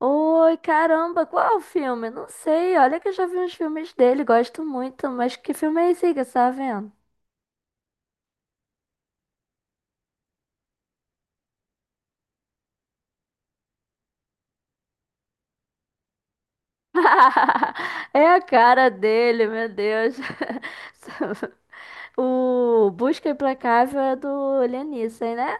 Oi, caramba, qual o filme? Não sei, olha que eu já vi uns filmes dele, gosto muito, mas que filme é esse aí que você tá vendo? É a cara dele, meu Deus. O Busca Implacável é do Liam Neeson, né?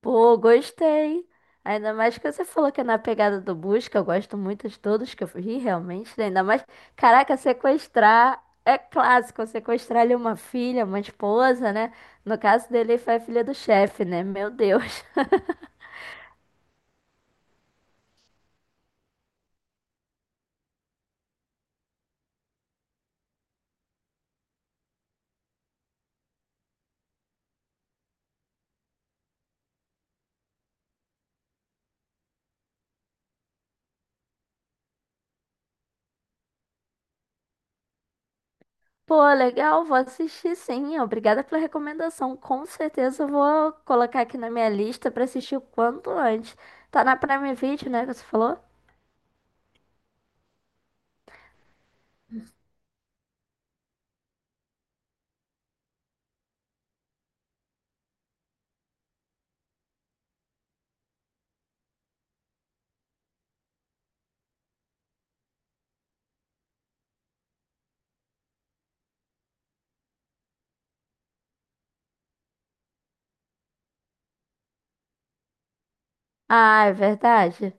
Pô, gostei. Ainda mais que você falou que é na pegada do busca. Eu gosto muito de todos que eu vi, realmente, né? Ainda mais, caraca, sequestrar é clássico. Sequestrar ali uma filha, uma esposa, né? No caso dele, foi a filha do chefe, né? Meu Deus. Pô, legal, vou assistir sim. Obrigada pela recomendação. Com certeza eu vou colocar aqui na minha lista pra assistir o quanto antes. Tá na Prime Video, né, que você falou? Ah, é verdade.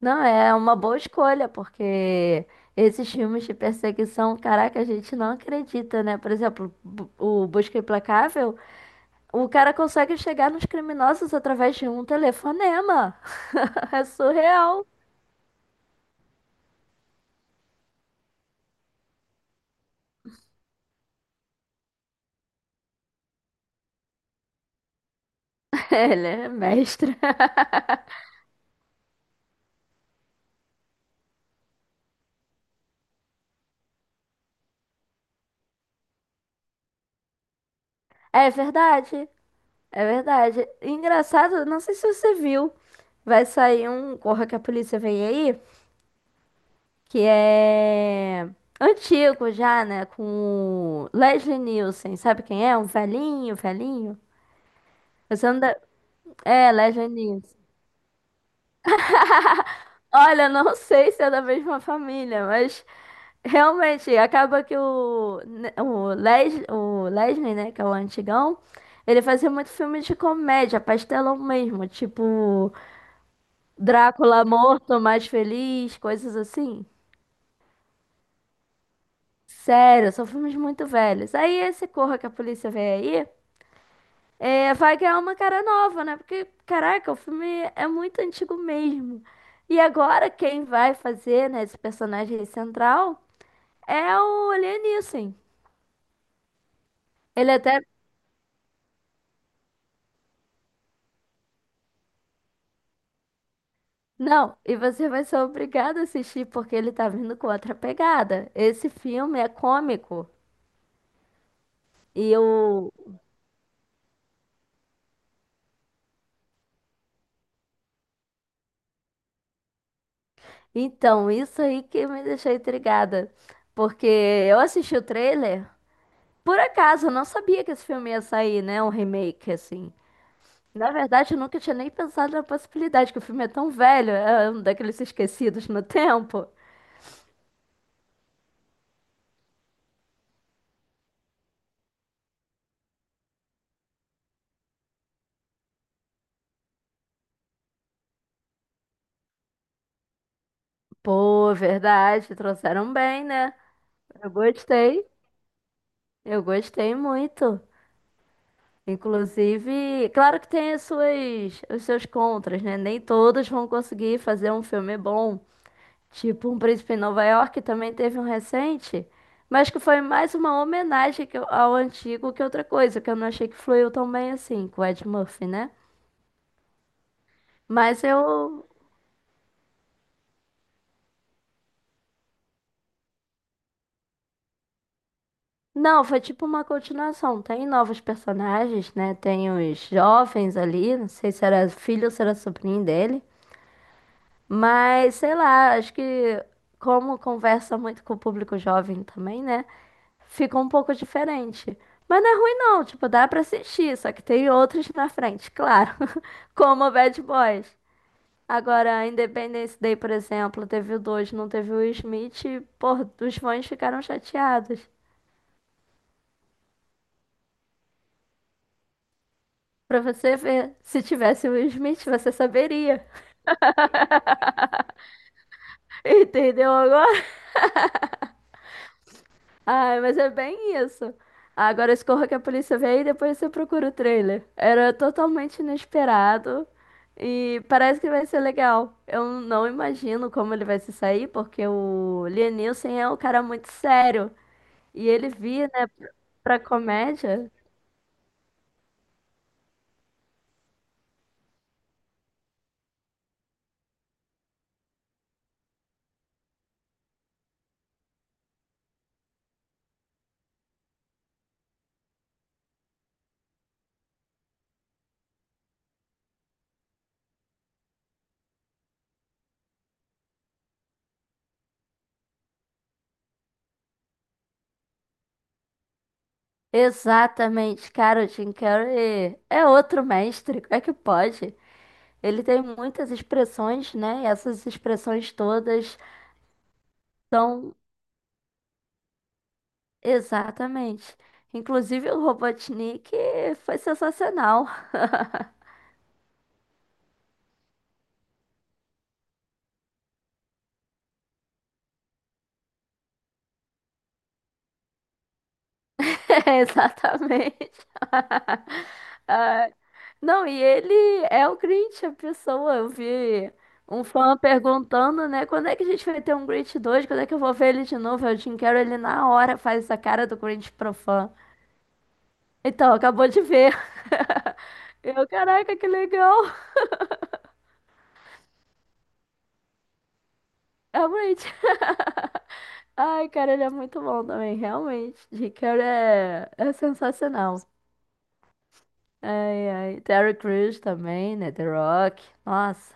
Não, é uma boa escolha, porque esses filmes de perseguição, caraca, a gente não acredita, né? Por exemplo, o Busca Implacável, o cara consegue chegar nos criminosos através de um telefonema. É surreal. Ele é mestre. É verdade, é verdade. Engraçado, não sei se você viu, vai sair um Corra que a Polícia Vem Aí, que é antigo já, né? Com o Leslie Nielsen, sabe quem é? Um velhinho, velhinho. Você não deve... É, Legioninhas. Olha, não sei se é da mesma família, mas realmente acaba que o Leslie, né, que é o antigão, ele fazia muito filme de comédia, pastelão mesmo, tipo Drácula morto, mais feliz, coisas assim. Sério, são filmes muito velhos. Aí esse Corra que a Polícia Vem Aí. É, vai ganhar uma cara nova, né? Porque, caraca, o filme é muito antigo mesmo. E agora quem vai fazer, né, esse personagem central é o Liam. Ele até. Não, e você vai ser obrigado a assistir porque ele tá vindo com outra pegada. Esse filme é cômico. E eu. Então, isso aí que me deixou intrigada. Porque eu assisti o trailer. Por acaso, eu não sabia que esse filme ia sair, né? Um remake, assim. Na verdade, eu nunca tinha nem pensado na possibilidade, que o filme é tão velho, é um daqueles esquecidos no tempo. Pô, verdade, trouxeram bem, né? Eu gostei, eu gostei muito. Inclusive, claro que tem as suas, os seus contras, né? Nem todos vão conseguir fazer um filme bom. Tipo, Um Príncipe em Nova York também teve um recente, mas que foi mais uma homenagem ao antigo que outra coisa, que eu não achei que fluiu tão bem assim, com o Ed Murphy, né? Mas eu. Não, foi tipo uma continuação. Tem novos personagens, né? Tem os jovens ali, não sei se era filho ou se era sobrinho dele. Mas sei lá, acho que como conversa muito com o público jovem também, né? Ficou um pouco diferente. Mas não é ruim não, tipo, dá pra assistir, só que tem outros na frente, claro. Como o Bad Boys. Agora, Independence Day, por exemplo, teve o 2, não teve o Will Smith, e, pô, os fãs ficaram chateados. Pra você ver, se tivesse o Will Smith, você saberia. Entendeu agora? Ai, mas é bem isso. Agora escorra que a polícia vem e depois você procura o trailer. Era totalmente inesperado e parece que vai ser legal. Eu não imagino como ele vai se sair, porque o Liam Neeson é um cara muito sério. E ele vir, né, pra comédia. Exatamente, cara, o Jim Carrey é outro mestre. Como é que pode? Ele tem muitas expressões, né? E essas expressões todas são, exatamente. Inclusive o Robotnik foi sensacional. É, exatamente. Ah, não, e ele é o Grinch, a pessoa. Eu vi um fã perguntando, né? Quando é que a gente vai ter um Grinch 2? Quando é que eu vou ver ele de novo? Eu Jim Carrey, ele na hora faz essa cara do Grinch pro fã. Então, acabou de ver. Eu, caraca, que legal. É o Grinch. Ai, cara, ele é muito bom também, realmente. Ricardo é, é sensacional. Ai, ai. Terry Crews também, né? The Rock. Nossa,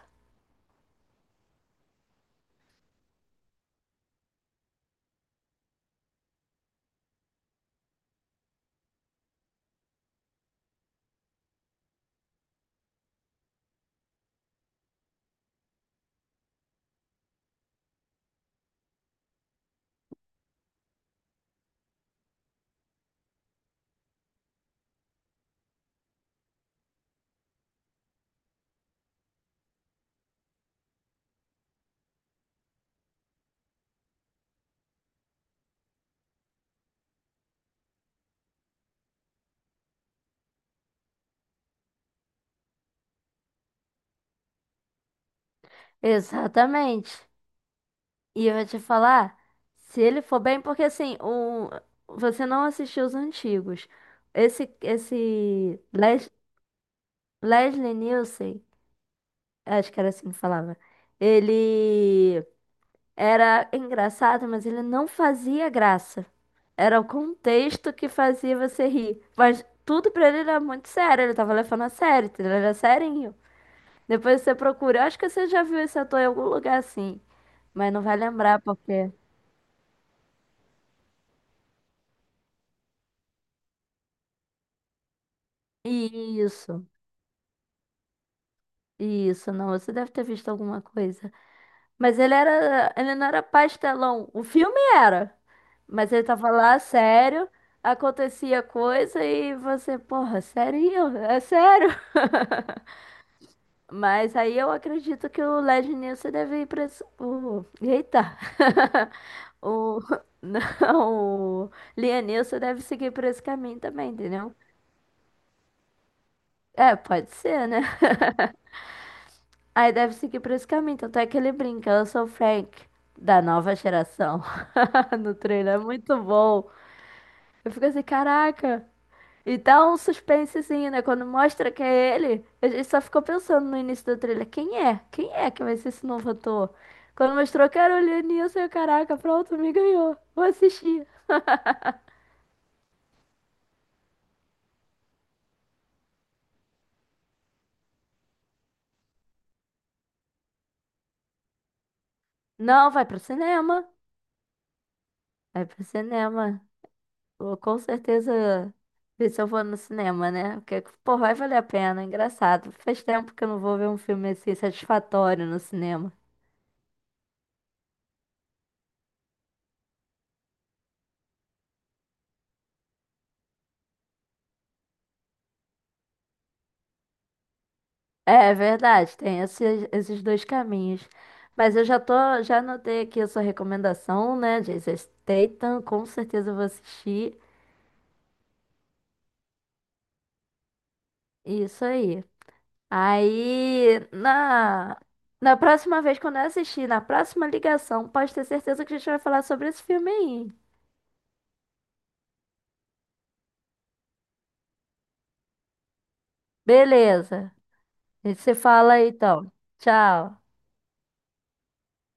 exatamente. E eu vou te falar, se ele for bem, porque assim, o, você não assistiu os antigos. Esse Leslie Nielsen, acho que era assim que falava. Ele. Era engraçado, mas ele não fazia graça. Era o contexto que fazia você rir. Mas tudo pra ele era muito sério. Ele tava levando a sério, entendeu? Ele era serinho. Depois você procura. Eu acho que você já viu esse ator em algum lugar assim. Mas não vai lembrar porque. Isso, isso, não. Você deve ter visto alguma coisa. Mas ele era. Ele não era pastelão. O filme era. Mas ele tava lá sério. Acontecia coisa e você, porra, sério? É sério? Mas aí eu acredito que o Led Nilson deve ir para o. Eita! O. Não, o Lianilson deve seguir por esse caminho também, entendeu? É, pode ser, né? Aí deve seguir por esse caminho. Tanto é que ele brinca, eu sou o Frank, da nova geração. No trailer é muito bom. Eu fico assim, caraca, e dá um suspensezinho, né? Quando mostra que é ele, a gente só ficou pensando no início do trailer, quem é? Quem é que vai ser esse novo ator? Quando mostrou que era o Lianilson, eu, caraca, pronto, me ganhou. Vou assistir. Não, vai pro cinema. Vai pro cinema. Vou com certeza ver se eu vou no cinema, né? Porque, pô, vai valer a pena, é engraçado. Faz tempo que eu não vou ver um filme assim satisfatório no cinema. É verdade, tem esses, esses dois caminhos. Mas eu já tô, já anotei aqui a sua recomendação, né? Jason Statham, com certeza eu vou assistir. Isso aí. Aí, na, Na próxima vez, quando eu assistir, na próxima ligação, pode ter certeza que a gente vai falar sobre esse filme aí. Beleza. A gente se fala aí, então. Tchau.